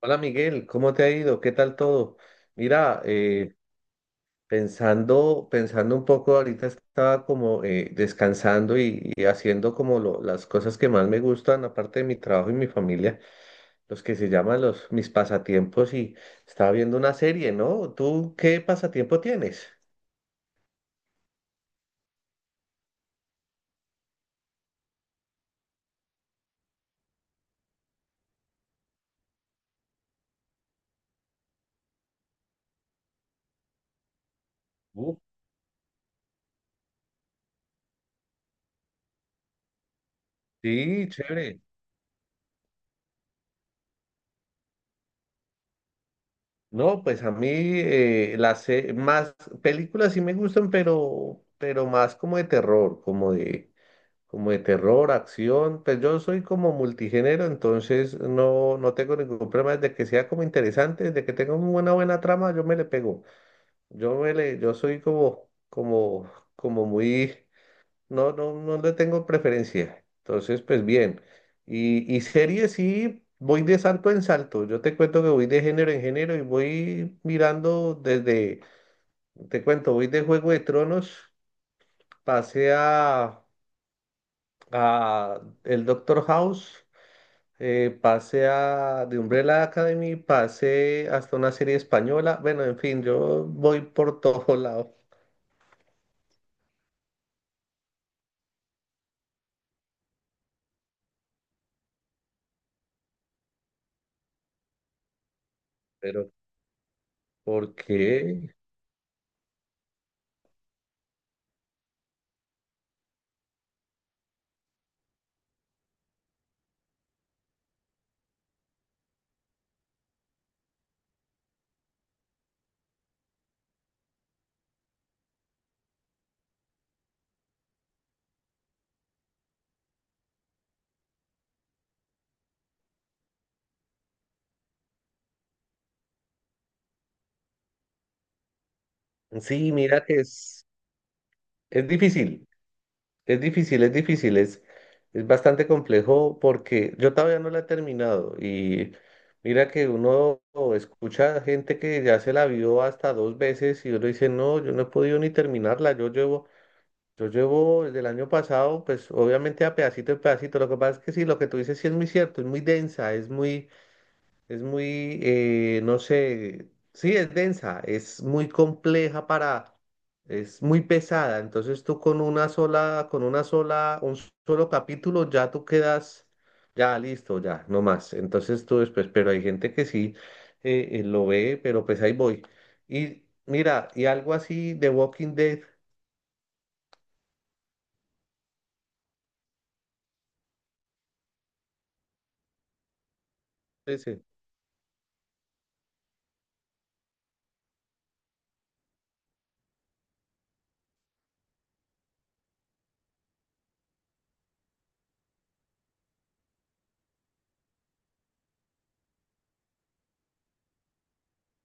Hola Miguel, ¿cómo te ha ido? ¿Qué tal todo? Mira, pensando, pensando un poco, ahorita estaba como descansando y haciendo como las cosas que más me gustan, aparte de mi trabajo y mi familia, los que se llaman los mis pasatiempos y estaba viendo una serie, ¿no? ¿Tú qué pasatiempo tienes? Uh, sí, chévere. No, pues a mí más películas sí me gustan, pero más como de terror, como de terror, acción, pues yo soy como multigénero, entonces no, no tengo ningún problema, desde que sea como interesante, desde que tenga una buena trama, yo me le pego, yo soy como muy, no, no, no le tengo preferencia, entonces pues bien, y series sí, voy de salto en salto, yo te cuento que voy de género en género y voy mirando te cuento, voy de Juego de Tronos, pasé a el Doctor House, pasé a de Umbrella Academy, pasé hasta una serie española. Bueno, en fin, yo voy por todo lado. Pero ¿por qué? Sí, es difícil, es difícil, es difícil, es bastante complejo porque yo todavía no la he terminado. Y mira que uno escucha gente que ya se la vio hasta dos veces y uno dice, no, yo no he podido ni terminarla, Yo llevo el del año pasado, pues obviamente a pedacito en pedacito. Lo que pasa es que sí, lo que tú dices sí es muy cierto, es muy densa, no sé, sí, es densa, es muy compleja para, es muy pesada. Entonces tú con una sola, un solo capítulo ya tú quedas, ya listo, ya, no más. Entonces tú después, pero hay gente que sí lo ve, pero pues ahí voy. Y mira, y algo así de Walking Dead, ese.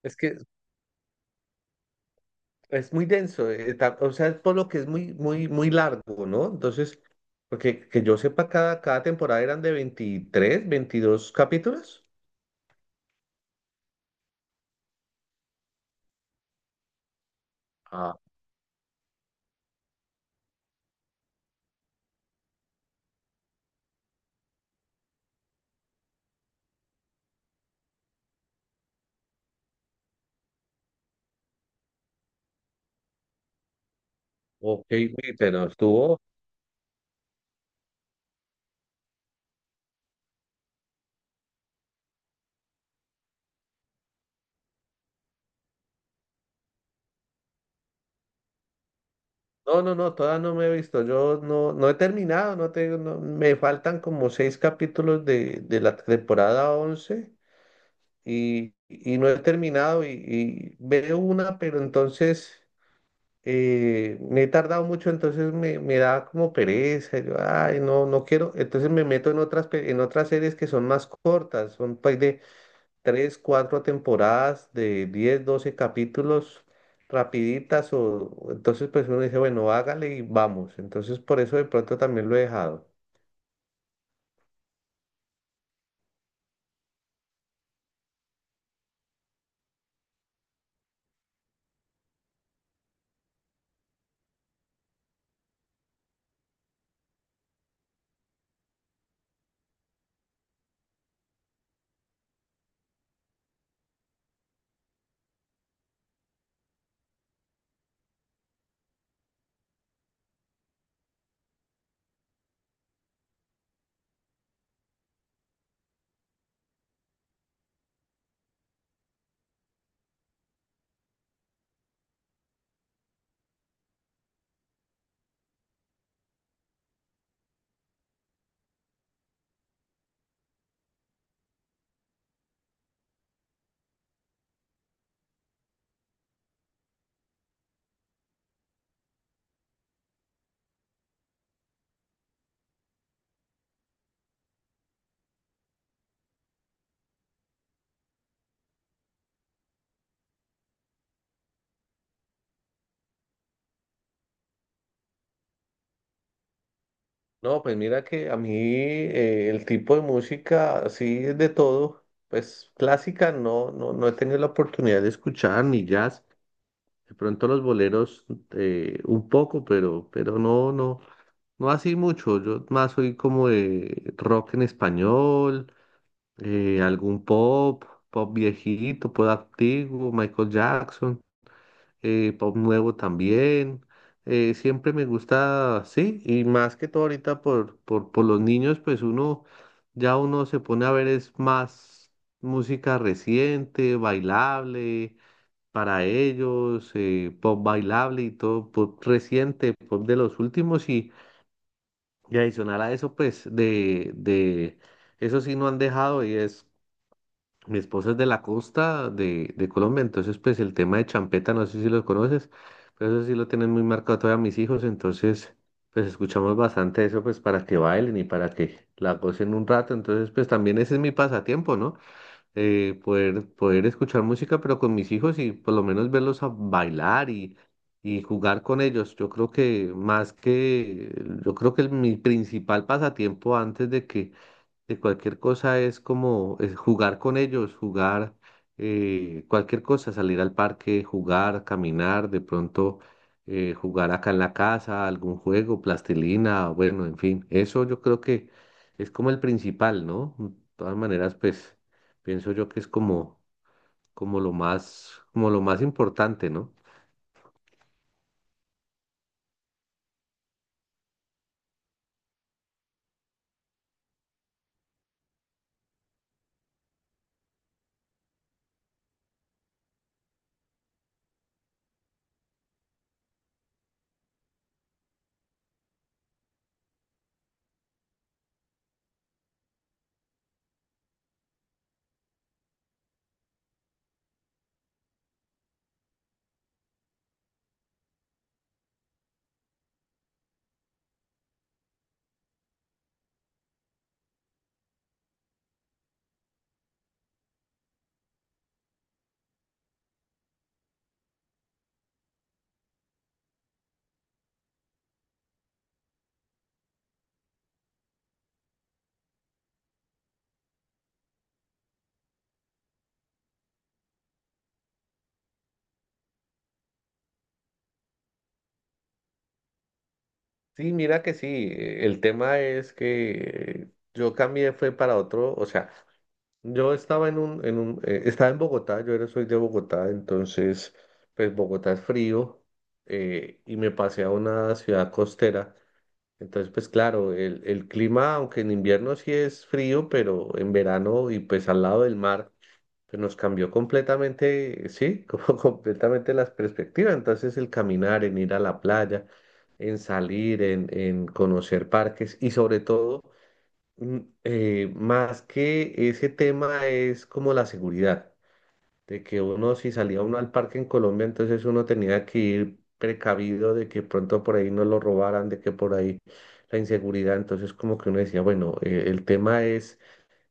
Es que Es muy denso, o sea, es por lo que es muy, muy, muy largo, ¿no? Entonces, porque que yo sepa, cada temporada eran de 23 22 capítulos. Ah, ok, uy, pero estuvo. No, no, no, todavía no me he visto. Yo no, no he terminado, no tengo, no- me faltan como seis capítulos de la temporada 11 y no he terminado y veo una, pero entonces. Me he tardado mucho, entonces me da como pereza, yo, ay, no, no quiero, entonces me meto en otras, en otras series que son más cortas, son pues de 3 4 temporadas, de 10 12 capítulos, rapiditas, o entonces pues uno dice, bueno, hágale y vamos, entonces por eso de pronto también lo he dejado. No, pues mira que a mí el tipo de música, sí, es de todo, pues clásica no, no, no he tenido la oportunidad de escuchar, ni jazz. De pronto los boleros un poco, pero no, no, no así mucho. Yo más soy como de rock en español, algún pop, pop viejito, pop antiguo, Michael Jackson, pop nuevo también. Siempre me gusta, sí, y más que todo ahorita por los niños, pues uno, ya uno se pone a ver es más música reciente, bailable para ellos, pop bailable y todo, pop reciente, pop de los últimos y adicional a eso, pues de eso sí no han dejado y es, mi esposa es de la costa de Colombia, entonces pues el tema de champeta, no sé si lo conoces, pero eso sí lo tienen muy marcado todavía mis hijos, entonces pues escuchamos bastante eso pues para que bailen y para que la gocen un rato, entonces pues también ese es mi pasatiempo, ¿no? Poder, poder escuchar música, pero con mis hijos y por lo menos verlos a bailar y jugar con ellos. Yo creo que mi principal pasatiempo antes de que de cualquier cosa es como es jugar con ellos, jugar cualquier cosa, salir al parque, jugar, caminar, de pronto jugar acá en la casa, algún juego, plastilina, bueno, en fin, eso yo creo que es como el principal, ¿no? De todas maneras, pues pienso yo que es como lo más importante, ¿no? Sí, mira que sí, el tema es que yo cambié fue para otro, o sea, yo estaba estaba en Bogotá, yo era, soy de Bogotá, entonces, pues Bogotá es frío y me pasé a una ciudad costera. Entonces, pues claro, el clima, aunque en invierno sí es frío, pero en verano y pues al lado del mar, pues nos cambió completamente, sí, como completamente las perspectivas. Entonces, el caminar, en ir a la playa, en salir, en conocer parques y sobre todo mm, más que ese tema es como la seguridad, de que uno si salía uno al parque en Colombia, entonces uno tenía que ir precavido de que pronto por ahí no lo robaran, de que por ahí la inseguridad, entonces como que uno decía, bueno, el tema es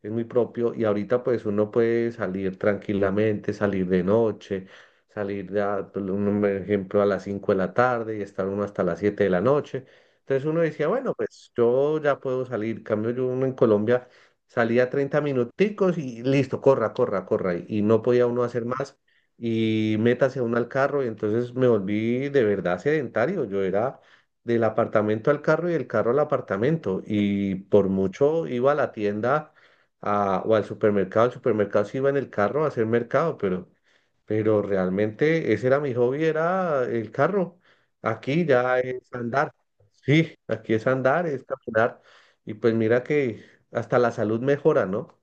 es muy propio y ahorita pues uno puede salir tranquilamente, salir de noche, salir, por un ejemplo, a las 5 de la tarde y estar uno hasta las 7 de la noche. Entonces uno decía, bueno, pues yo ya puedo salir. En cambio yo uno en Colombia salía 30 minuticos y listo, corra, corra, corra. Y no podía uno hacer más y métase uno al carro y entonces me volví de verdad sedentario. Yo era del apartamento al carro y del carro al apartamento. Y por mucho iba a la tienda o al supermercado. El supermercado sí iba en el carro a hacer mercado, pero realmente ese era mi hobby, era el carro. Aquí ya es andar. Sí, aquí es andar, es caminar. Y pues mira que hasta la salud mejora, ¿no?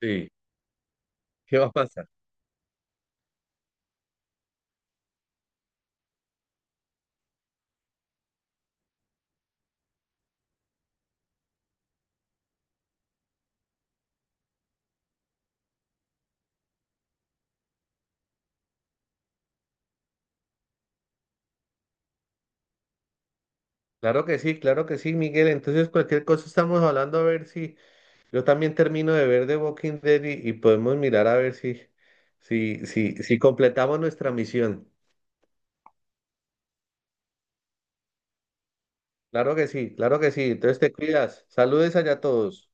Sí, ¿qué va a pasar? Claro que sí, Miguel. Entonces, cualquier cosa estamos hablando a ver si yo también termino de ver The Walking Dead y podemos mirar a ver si, si completamos nuestra misión. Claro que sí, claro que sí. Entonces te cuidas. Saludes allá a todos.